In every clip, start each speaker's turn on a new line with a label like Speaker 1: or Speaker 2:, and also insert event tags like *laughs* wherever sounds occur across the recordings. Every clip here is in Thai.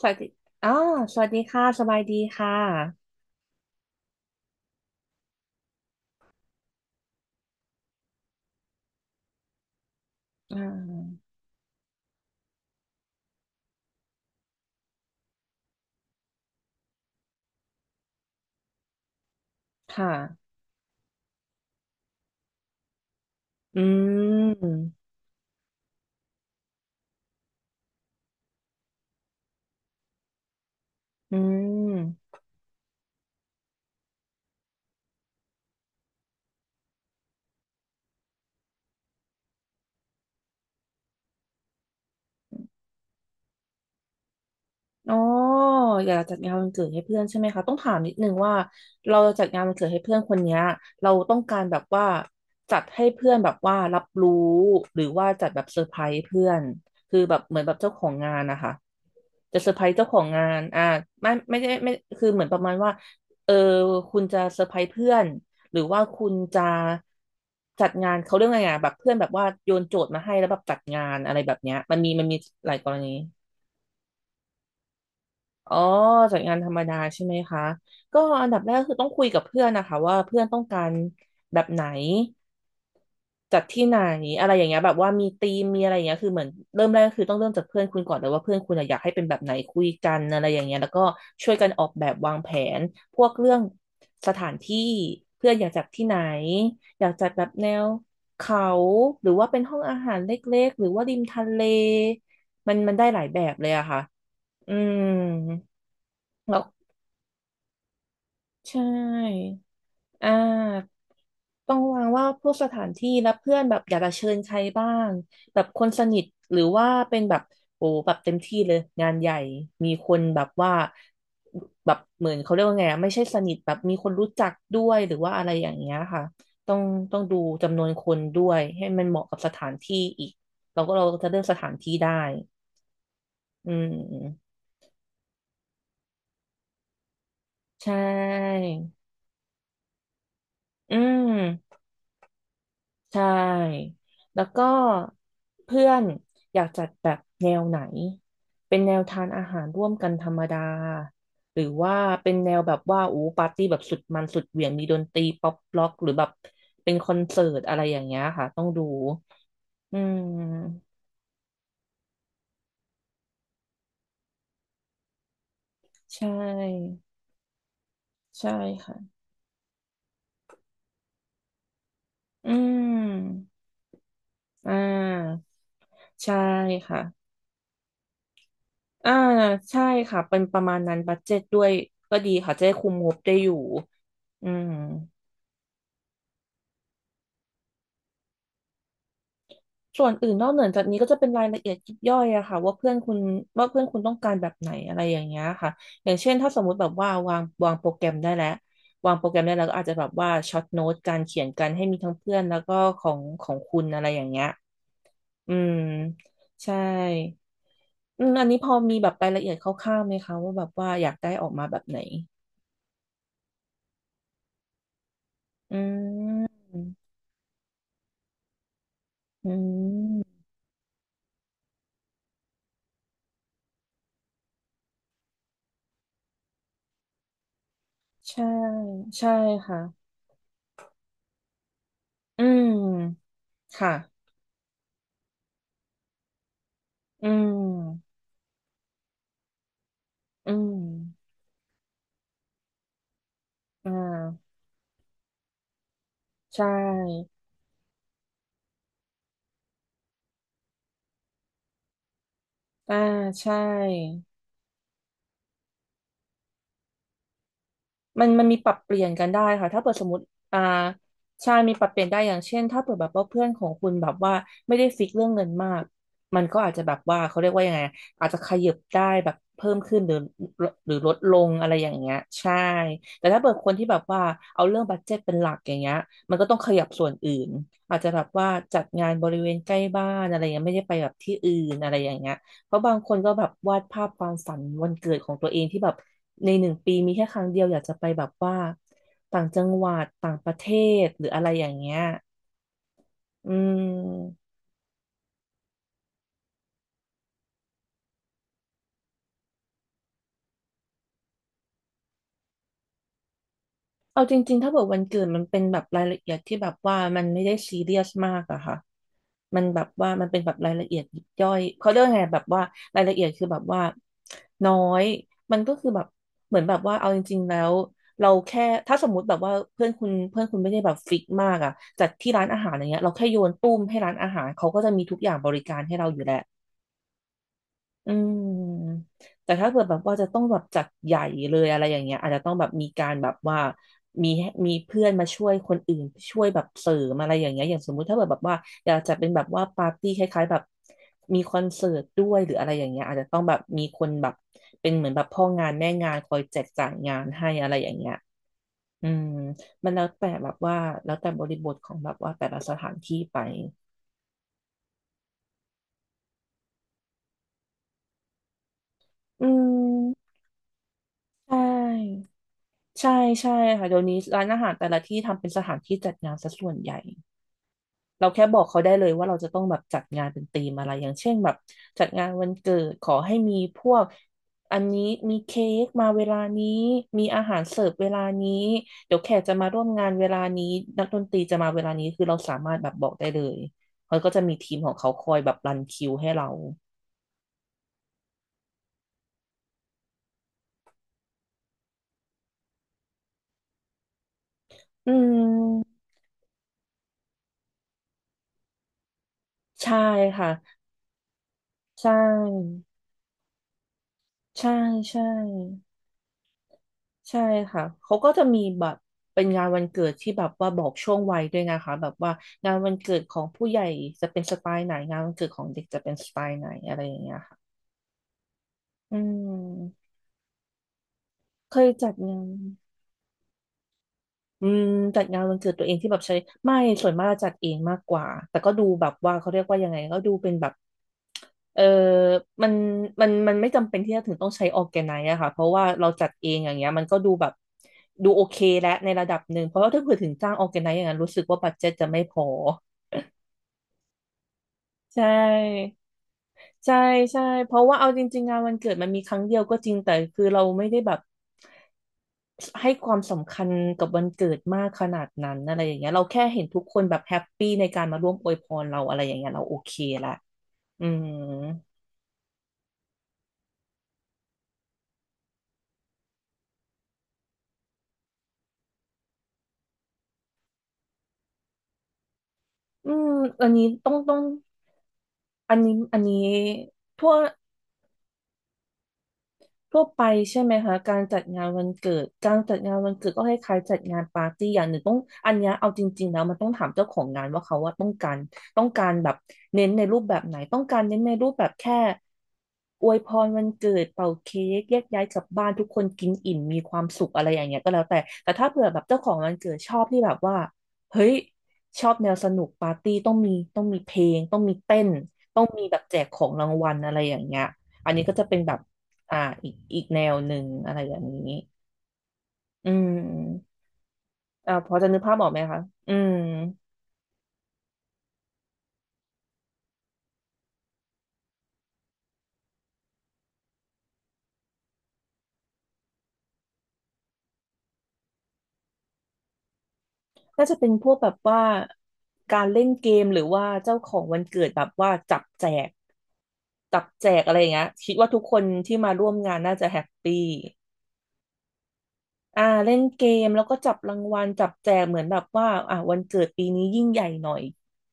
Speaker 1: สวัสดีอ๋อสวัสดีค่ะสบายดีค่ะอ่าค่ะอืมอืม อ๋ออยากจัดงานวันเกิดให้เพื่อนใช่ไหมคะต้องถามนิดนึงว่าเราจัดงานวันเกิดให้เพื่อนคนเนี้ยเราต้องการแบบว่าจัดให้เพื่อนแบบว่ารับรู้หรือว่าจัดแบบเซอร์ไพรส์เพื่อนคือแบบเหมือนแบบเจ้าของงานนะคะจะเซอร์ไพรส์เจ้าของงานไม่ได้ไม่คือเหมือนประมาณว่าเออคุณจะเซอร์ไพรส์เพื่อนหรือว่าคุณจะจัดงานเขาเรื่องไงอ่ะแบบเพื่อนแบบว่าโยนโจทย์มาให้แล้วแบบจัดงานอะไรแบบเนี้ยมันมีหลายกรณี อ๋อจัดงานธรรมดาใช่ไหมคะก็อันดับแรกคือต้องคุยกับเพื่อนนะคะว่าเพื่อนต้องการแบบไหนจัดที่ไหนอะไรอย่างเงี้ยแบบว่ามีธีมมีอะไรอย่างเงี้ยคือเหมือนเริ่มแรกก็คือต้องเริ่มจากเพื่อนคุณก่อนเลยว่าเพื่อนคุณอะอยากให้เป็นแบบไหนคุยกันอะไรอย่างเงี้ยแล้วก็ช่วยกันออกแบบวางแผนพวกเรื่องสถานที่เพื่อนอยากจัดที่ไหนอยากจัดแบบแนวเขาหรือว่าเป็นห้องอาหารเล็กๆหรือว่าริมทะเลมันมันได้หลายแบบเลยอะค่ะอืมแล้ว ใช่อ่าต้องวางว่าพวกสถานที่และเพื่อนแบบอยากจะเชิญใครบ้างแบบคนสนิทหรือว่าเป็นแบบโอ้แบบเต็มที่เลยงานใหญ่มีคนแบบว่าแบบเหมือนเขาเรียกว่าไงอะไม่ใช่สนิทแบบมีคนรู้จักด้วยหรือว่าอะไรอย่างเงี้ยค่ะต้องต้องดูจำนวนคนด้วยให้มันเหมาะกับสถานที่อีกเราก็จะเลือกสถานที่ได้อืมใช่อืม ใช่ แล้วก็เพื่อนอยากจัดแบบแนวไหน เป็นแนวทานอาหารร่วมกันธรรมดา หรือว่าเป็นแนวแบบว่าโอ้ปาร์ตี้แบบสุดมันสุดเหวี่ยงมีดนตรีป๊อปล็อกหรือแบบเป็นคอนเสิร์ตอะไรอย่างเงี้ยค่ะต้องดู อืมใช่ใช่ค่ะ อืมอ่าใช่ค่ะอ่าใช่ค่ะเป็นประมาณนั้นบัดเจ็ตด้วยก็ดีค่ะจะได้คุมงบได้อยู่อืม ส่วนอื่นนอกเหนือจากนี้ก็จะเป็นรายละเอียดยิบย่อยอะค่ะว่าเพื่อนคุณต้องการแบบไหนอะไรอย่างเงี้ยค่ะอย่างเช่นถ้าสมมุติแบบว่าวางโปรแกรมได้แล้ววางโปรแกรมได้แล้วก็อาจจะแบบว่าช็อตโน้ตการเขียนกันให้มีทั้งเพื่อนแล้วก็ของคุณอะไรอย่างเงี้ยอืมใช่อืมอันนี้พอมีแบบรายละเอียดคร่าวๆไหมคะว่าแบบว่าอยากได้ออกมาแบบไหนอืมอืมใช่ใช่ค่ะอืมค่ะอืม อืมอ่าใช่อ่าใช่มันมีปรับเปลี่ยนกันได้ค่ะถ้าเปิดสมมติอ่าใช่มีปรับเปลี่ยนได้อย่างเช่นถ้าเปิดแบบว่าเพื่อนของคุณแบบว่าไม่ได้ฟิกเรื่องเงินมากมันก็อาจจะแบบว่าเขาเรียกว่ายังไงอาจจะขยับได้แบบเพิ่มขึ้นหรือหรือลดลงอะไรอย่างเงี้ยใช่แต่ถ้าเปิดคนที่แบบว่าเอาเรื่องบัดเจ็ตเป็นหลักอย่างเงี้ยมันก็ต้องขยับส่วนอื่นอาจจะแบบว่าจัดงานบริเวณใกล้บ้านอะไรเงี้ยไม่ได้ไปแบบที่อื่นอะไรอย่างเงี้ย เพราะบางคนก็แบบวาดภาพความฝันวันเกิดของตัวเองที่แบบในหนึ่งปีมีแค่ครั้งเดียวอยากจะไปแบบว่าต่างจังหวัดต่างประเทศหรืออะไรอย่างเงี้ยอืม เอาจริงๆถ้าเกิดวันเกิดมันเป็นแบบรายละเอียดที่แบบว่ามันไม่ได้ซีเรียสมากอะค่ะมันแบบว่ามันเป็นแบบรายละเอียดยิบย่อยเขาเรียกไงแบบว่ารายละเอียดคือแบบว่าน้อยมันก็คือแบบเหมือนแบบว่าเอาจริงๆแล้วเราแค่ถ้าสมมุติแบบว่าเพื่อนคุณไม่ได้แบบฟิกมากอะจัดที่ร้านอาหารอย่างเงี้ยเราแค่โยนตุ้มให้ร้านอาหารเขาก็จะมีทุกอย่างบริการให้เราอยู่แล้ว อืมแต่ถ้าเกิดแบบว่าจะต้องแบบจัดใหญ่เลยอะไรอย่างเงี้ยอาจจะต้องแบบมีการแบบว่ามีมีเพื่อนมาช่วยคนอื่นช่วยแบบเสริมอะไรอย่างเงี้ยอย่างสมมุติถ้าเกิดแบบว่าอยากจะเป็นแบบว่าปาร์ตี้คล้ายๆแบบมีคอนเสิร์ตด้วยหรืออะไรอย่างเงี้ยอาจจะต้องแบบมีคนแบบเป็นเหมือนแบบพ่องานแม่งานคอยแจกจ่ายงานให้อะไรอย่างเงี้ยอืมมันแล้วแต่แบบว่าแล้วแต่บริบทของแบบว่าแต่ละสถานที่ไปอืมใช่ ใช่ใช่ค่ะเดี๋ยวนี้ร้านอาหารแต่ละที่ทำเป็นสถานที่จัดงานซะส่วนใหญ่เราแค่บอกเขาได้เลยว่าเราจะต้องแบบจัดงานเป็นธีมอะไรอย่างเช่นแบบจัดงานวันเกิดขอให้มีพวกอันนี้มีเค้กมาเวลานี้มีอาหารเสิร์ฟเวลานี้เดี๋ยวแขกจะมาร่วมงานเวลานี้นักดนตรีจะมาเวลานี้คือเราสามารถแบบบอกได้เลยเขาก็จะมีทีมของเขาคอยแบบรันคิวให้เราอืมใช่ค่ะใช่ใช่ใช่ ใช่ค่ะ เขาก็จะมีแบบเป็นงานวันเกิดที่แบบว่าบอกช่วงวัยด้วยนะคะแบบว่างานวันเกิดของผู้ใหญ่จะเป็นสไตล์ไหนงานวันเกิดของเด็กจะเป็นสไตล์ไหนอะไรอย่างเงี้ยค่ะอืมเคยจัดงาน อืมจัดงานวันเกิดตัวเองที่แบบใช้ไม่ส่วนมากจะจัดเองมากกว่าแต่ก็ดูแบบว่าเขาเรียกว่ายังไงก็ดูเป็นแบบเออมันมันไม่จำเป็นที่จะถึงต้องใช้ออร์แกไนซ์อะค่ะเพราะว่าเราจัดเองอย่างเงี้ยมันก็ดูแบบดูโอเคและในระดับหนึ่งเพราะว่าถ้าเผื่อถึงจ้างออร์แกไนซ์อย่างนั้นรู้สึกว่าบัดเจ็ตจะไม่พอใช่ ใช่ใช่เพราะว่าเอาจริงๆงานวันเกิดมันมีครั้งเดียวก็จริงแต่คือเราไม่ได้แบบให้ความสำคัญกับวันเกิดมากขนาดนั้นอะไรอย่างเงี้ยเราแค่เห็นทุกคนแบบแฮปปี้ในการมาร่วมอวยพรเราอะไรอย่างเงี้ยเราโอเคละอืมอืมอันนี้ต้องอันนี้อันนี้ทั่ว ทั่วไปใช่ไหมคะการจัดงานวันเกิดการจัดงานวันเกิดก็คล้ายๆจัดงานปาร์ตี้อย่างหนึ่งต้องอันเนี้ยเอาจริงๆแล้วมันต้องถามเจ้าของงานว่าเขาว่าต้องการต้องการแบบเน้นในรูปแบบไหนต้องการเน้นในรูปแบบแค่อวยพรวันเกิดเป่าเค้กแยกย้ายกลับบ้านทุกคนกินอิ่มมีความสุขอะไรอย่างเงี้ยก็แล้วแต่แต่ถ้าเผื่อแบบเจ้าของวันเกิดชอบที่แบบว่าเฮ้ยชอบแนวสนุกปาร์ตี้ต้องมีต้องมีเพลงต้องมีเต้นต้องมีแบบแจกของรางวัลอะไรอย่างเงี้ยอันนี้ก็จะเป็นแบบ อ่าอีกอีกแนวหนึ่งอะไรอย่างนี้อืมอ่าพอจะนึกภาพออกไหมคะอืมน่าจะเป็นพวกแบบว่าการเล่นเกมหรือว่าเจ้าของวันเกิดแบบว่าจับแจกจับแจกอะไรอย่างเงี้ยคิดว่าทุกคนที่มาร่วมงานน่าจะแฮปปี้ อ่าเล่นเกมแล้วก็จับรางวัลจับแจกเหมือนแบบว่าอ่าวันเกิดปีนี้ยิ่งใหญ่หน่อย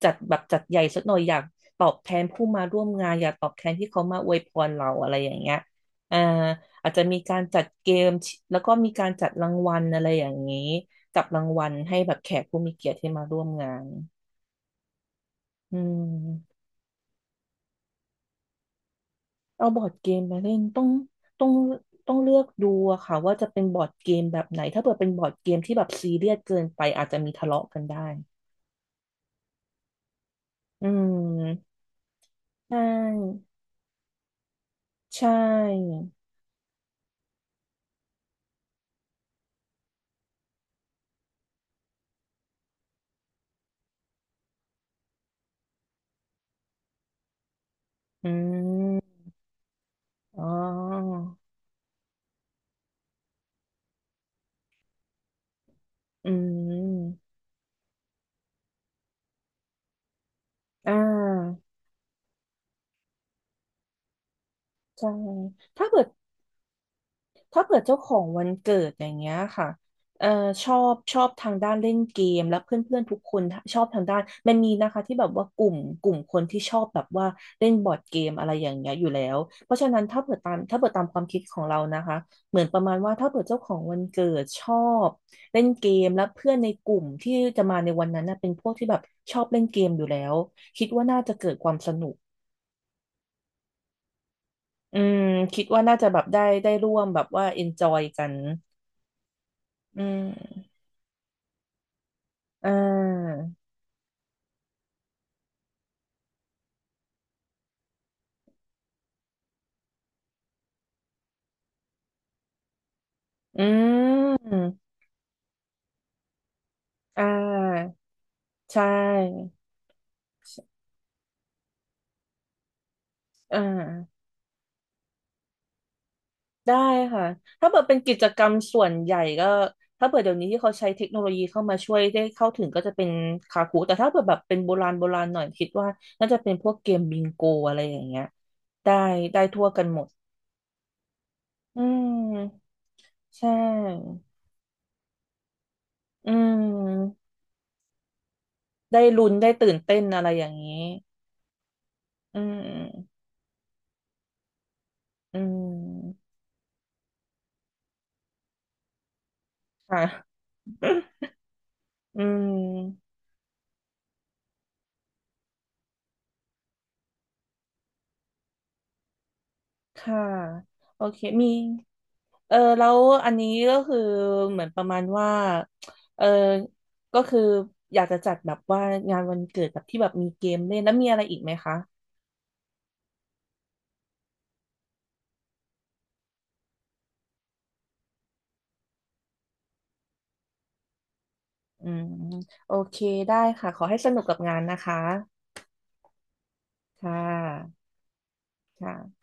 Speaker 1: จัดแบบจัดใหญ่สักหน่อยอยากตอบแทนผู้มาร่วมงานอยากตอบแทนที่เขามาอวยพรเราอะไรอย่างเงี้ยอ่าอาจจะมีการจัดเกมแล้วก็มีการจัดรางวัลอะไรอย่างนี้จับรางวัลให้แบบแขกผู้มีเกียรติที่มาร่วมงานอืมเอาบอร์ดเกมมาเล่นต้องต้องเลือกดูอะค่ะว่าจะเป็นบอร์ดเกมแบบไหนถ้าเกิดเป็นบอร์ดเกมที่แบบซีเรียสเกินไปอาจจะมีทะเลาะกันได้ อืมใช่ใช่อืมอ๋ออืมอ่าใช่ถ้าเกิด ถ้าเกิดเจ้าของวันเกิดอย่างเงี้ยค่ะเอ่อชอบชอบทางด้านเล่นเกมและเพื่อนๆทุกคนชอบทางด้านมันมีนะคะที่แบบว่ากลุ่มกลุ่มคนที่ชอบแบบว่าเล่นบอร์ดเกมอะไรอย่างเงี้ยอยู่แล้ว เพราะฉะนั้นถ้าเปิดตามถ้าเปิดตามความคิดของเรานะคะเหมือนประมาณว่าถ้าเปิดเจ้าของวันเกิดชอบเล่นเกมและเพื่อนในกลุ่มที่จะมาในวันนั้นนะเป็นพวกที่แบบชอบเล่นเกมอยู่แล้ว คิดว่าน่าจะเกิดความสนุกอืมคิดว่าน่าจะแบบได้ได้ร่วมแบบว่า enjoy กันอืม อ่าอืมอ่าใช่อ่าได้ค่ะถ้าเกิดเป็นกิจกรรมส่วนใหญ่ก็ถ้าเกิดเดี๋ยวนี้ที่เขาใช้เทคโนโลยีเข้ามาช่วยได้เข้าถึงก็จะเป็นคาคูแต่ถ้าเกิดแบบเป็นโบราณโบราณหน่อยคิดว่าน่าจะเป็นพวกเกมบิงโกอะไรอย่างเงี้ยได้ได้ทั่วกันหมดอืมใช่อืมได้ลุ้นได้ตื่นเต้นอะไรอย่างนี้อืมอืมค่ะ *laughs* อืม ค่ะโอเคมีเออแล้วอันนี้ก็คือเหมือนประมาณว่าเออก็คืออยากจะจัดแบบว่างานวันเกิดแบบที่แบบมีเกมเล่นแล้วมีอะไรอีกไหมคะอืมโอเคได้ค่ะขอให้สนุกกับงานนะคะค่ะค่ะ